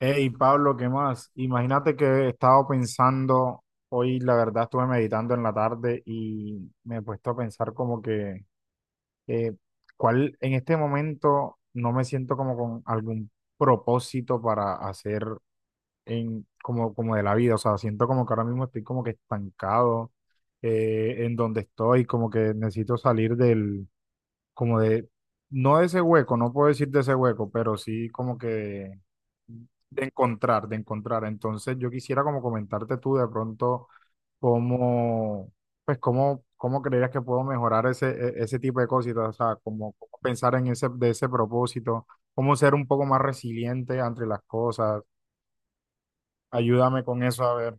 Hey, Pablo, ¿qué más? Imagínate que he estado pensando, hoy la verdad estuve meditando en la tarde y me he puesto a pensar como que, eh, ¿cuál en este momento no me siento como con algún propósito para hacer en, como de la vida? O sea, siento como que ahora mismo estoy como que estancado en donde estoy, como que necesito salir del, como de, no de ese hueco, no puedo decir de ese hueco, pero sí como que de encontrar, de encontrar. Entonces, yo quisiera como comentarte tú de pronto cómo, pues cómo, cómo creerías que puedo mejorar ese, ese tipo de cositas, o sea, cómo, cómo pensar en ese, de ese propósito, cómo ser un poco más resiliente ante las cosas. Ayúdame con eso, a ver.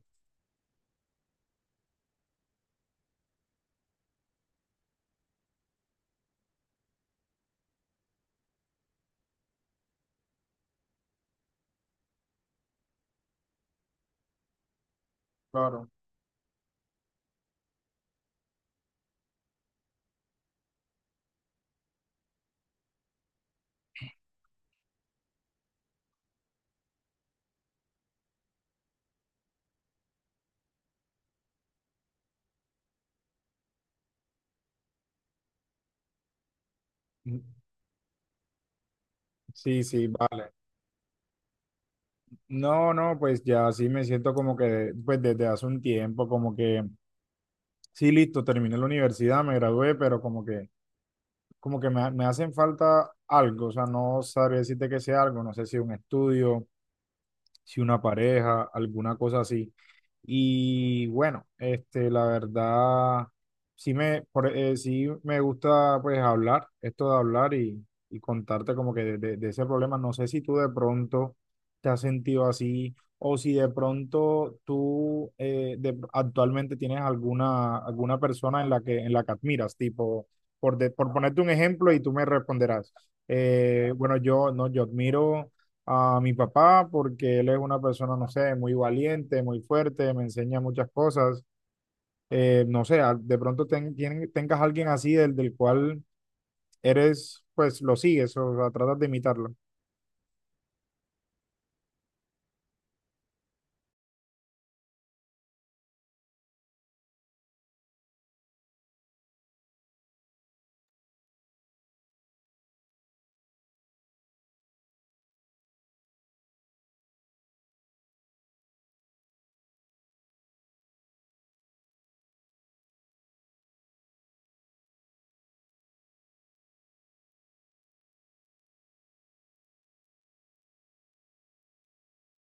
Claro. Mm. Sí, sí, vale. No, no, pues ya sí me siento como que, pues desde hace un tiempo, como que, sí, listo, terminé la universidad, me gradué, pero como que me hacen falta algo, o sea, no sabría decirte que sea algo, no sé si un estudio, si una pareja, alguna cosa así. Y bueno, este, la verdad, sí me, sí me gusta pues hablar, esto de hablar y contarte como que de, de ese problema. No sé si tú de pronto te has sentido así o si de pronto tú actualmente tienes alguna persona en la que admiras, tipo, por ponerte un ejemplo y tú me responderás. Bueno, yo, no, yo admiro a mi papá porque él es una persona, no sé, muy valiente, muy fuerte, me enseña muchas cosas. No sé, de pronto tengas alguien así del cual eres, pues lo sigues, o sea, tratas de imitarlo.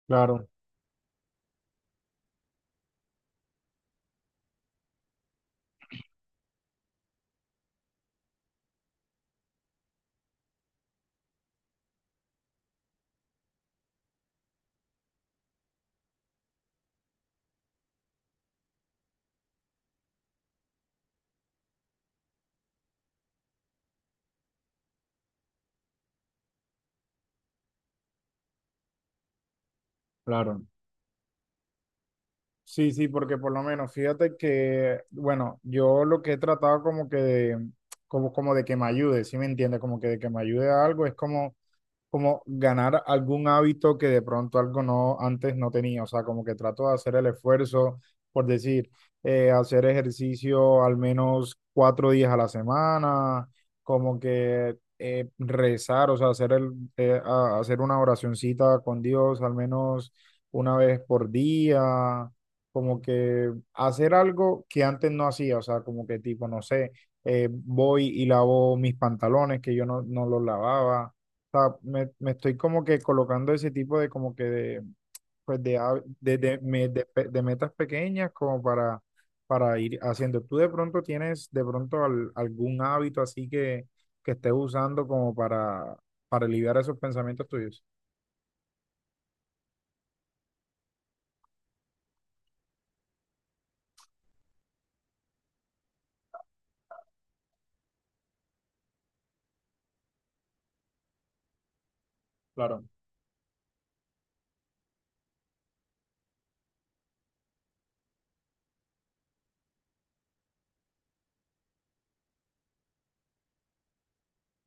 Claro, claro. Sí, sí, porque por lo menos fíjate que, bueno, yo lo que he tratado como que de, como de que me ayude, ¿sí me entiendes? Como que de que me ayude a algo es como ganar algún hábito que de pronto algo no antes no tenía, o sea, como que trato de hacer el esfuerzo, por decir, hacer ejercicio al menos 4 días a la semana, como que rezar, o sea, hacer una oracioncita con Dios al menos una vez por día, como que hacer algo que antes no hacía, o sea, como que tipo, no sé, voy y lavo mis pantalones que yo no los lavaba, sea, me estoy como que colocando ese tipo de como que de, pues de, de metas pequeñas como para, ir haciendo. ¿Tú de pronto tienes de pronto algún hábito así que estés usando como para, aliviar esos pensamientos tuyos? Claro,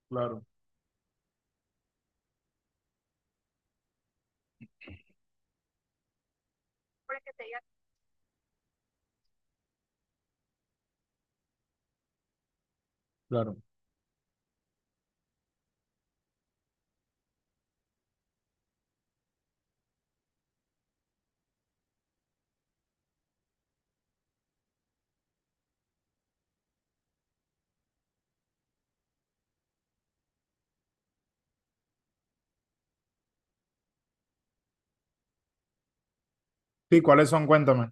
claro, claro. Sí, ¿cuáles son? Cuéntame.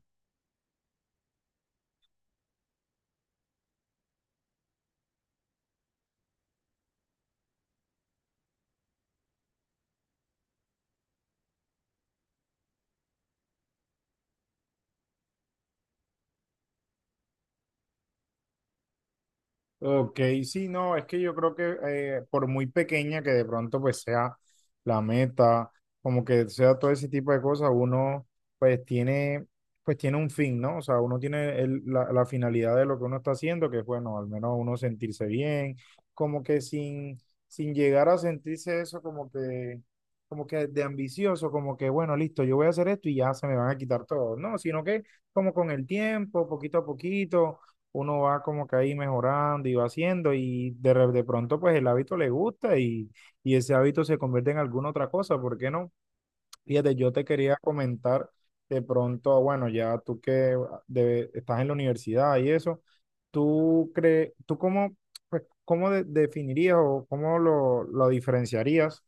Ok, sí, no, es que yo creo que por muy pequeña que de pronto pues sea la meta, como que sea todo ese tipo de cosas, uno pues tiene, pues tiene un fin, ¿no? O sea, uno tiene la finalidad de lo que uno está haciendo, que es bueno, al menos uno sentirse bien, como que sin, llegar a sentirse eso como que de ambicioso, como que bueno, listo, yo voy a hacer esto y ya se me van a quitar todo, no, sino que como con el tiempo, poquito a poquito uno va como que ahí mejorando y va haciendo y de pronto pues el hábito le gusta y ese hábito se convierte en alguna otra cosa, ¿por qué no? Fíjate, yo te quería comentar de pronto, bueno, ya tú que estás en la universidad y eso, ¿tú crees, tú cómo, pues, cómo definirías o cómo lo diferenciarías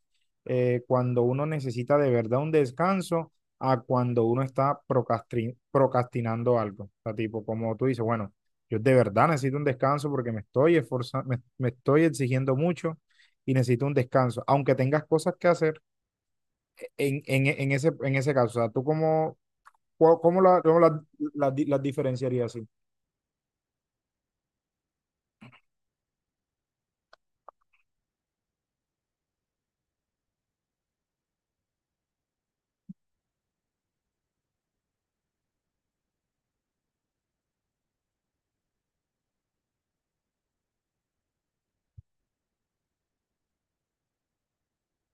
cuando uno necesita de verdad un descanso a cuando uno está procrastinando algo? O sea, tipo, como tú dices, bueno, yo de verdad necesito un descanso porque me estoy esforzando, me estoy exigiendo mucho y necesito un descanso, aunque tengas cosas que hacer en, en ese caso, o sea, ¿tú cómo, cómo, las diferenciarías así?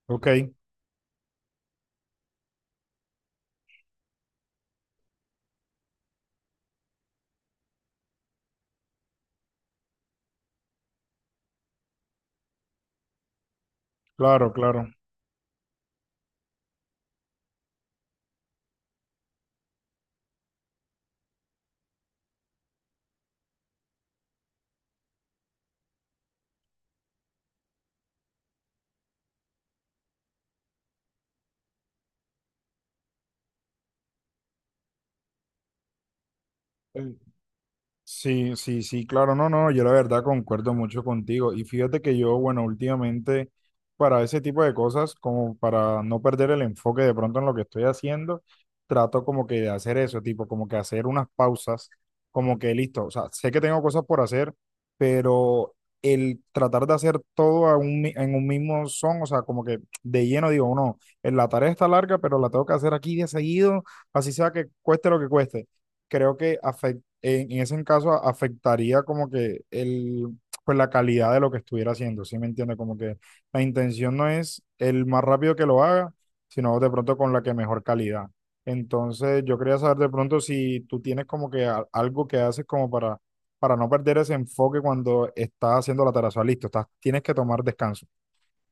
Ok, claro, claro. Sí, sí, sí, claro, no, no, yo la verdad concuerdo mucho contigo. Y fíjate que yo, bueno, últimamente para ese tipo de cosas, como para no perder el enfoque de pronto en lo que estoy haciendo, trato como que de hacer eso, tipo, como que hacer unas pausas, como que listo, o sea, sé que tengo cosas por hacer, pero el tratar de hacer todo en un mismo son, o sea, como que de lleno digo, no, la tarea está larga, pero la tengo que hacer aquí de seguido, así sea que cueste lo que cueste creo que afec- en ese caso a- afectaría como que el, pues la calidad de lo que estuviera haciendo, ¿sí me entiende? Como que la intención no es el más rápido que lo haga, sino de pronto con la que mejor calidad. Entonces, yo quería saber de pronto si tú tienes como que algo que haces como para, no perder ese enfoque cuando estás haciendo la tarea. O sea, listo, estás, tienes que tomar descanso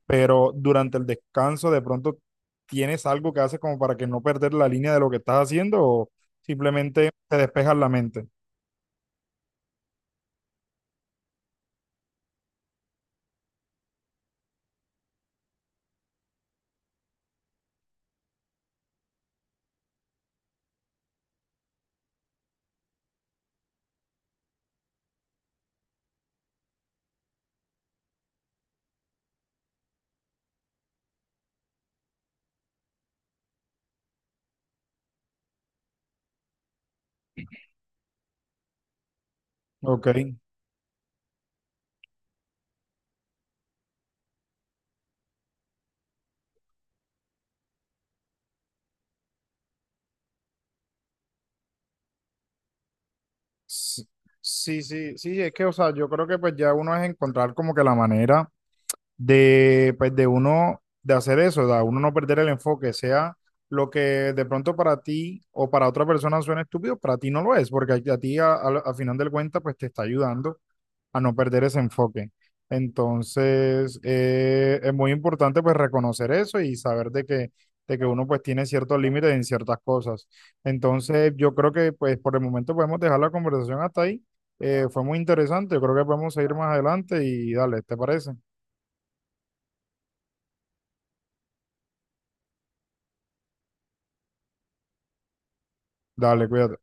pero durante el descanso de pronto tienes algo que haces como para que no perder la línea de lo que estás haciendo o simplemente te despejas la mente. Ok. S- Sí, sí, sí, es que, o sea, yo creo que pues ya uno es encontrar como que la manera de, pues de uno, de hacer eso, de uno no perder el enfoque, sea lo que de pronto para ti o para otra persona suena estúpido, para ti no lo es, porque a ti al final del cuenta pues te está ayudando a no perder ese enfoque. Entonces, es muy importante pues reconocer eso y saber de que uno pues tiene ciertos límites en ciertas cosas. Entonces, yo creo que pues por el momento podemos dejar la conversación hasta ahí. Fue muy interesante, yo creo que podemos seguir más adelante y dale, ¿te parece? Dale, cuídate.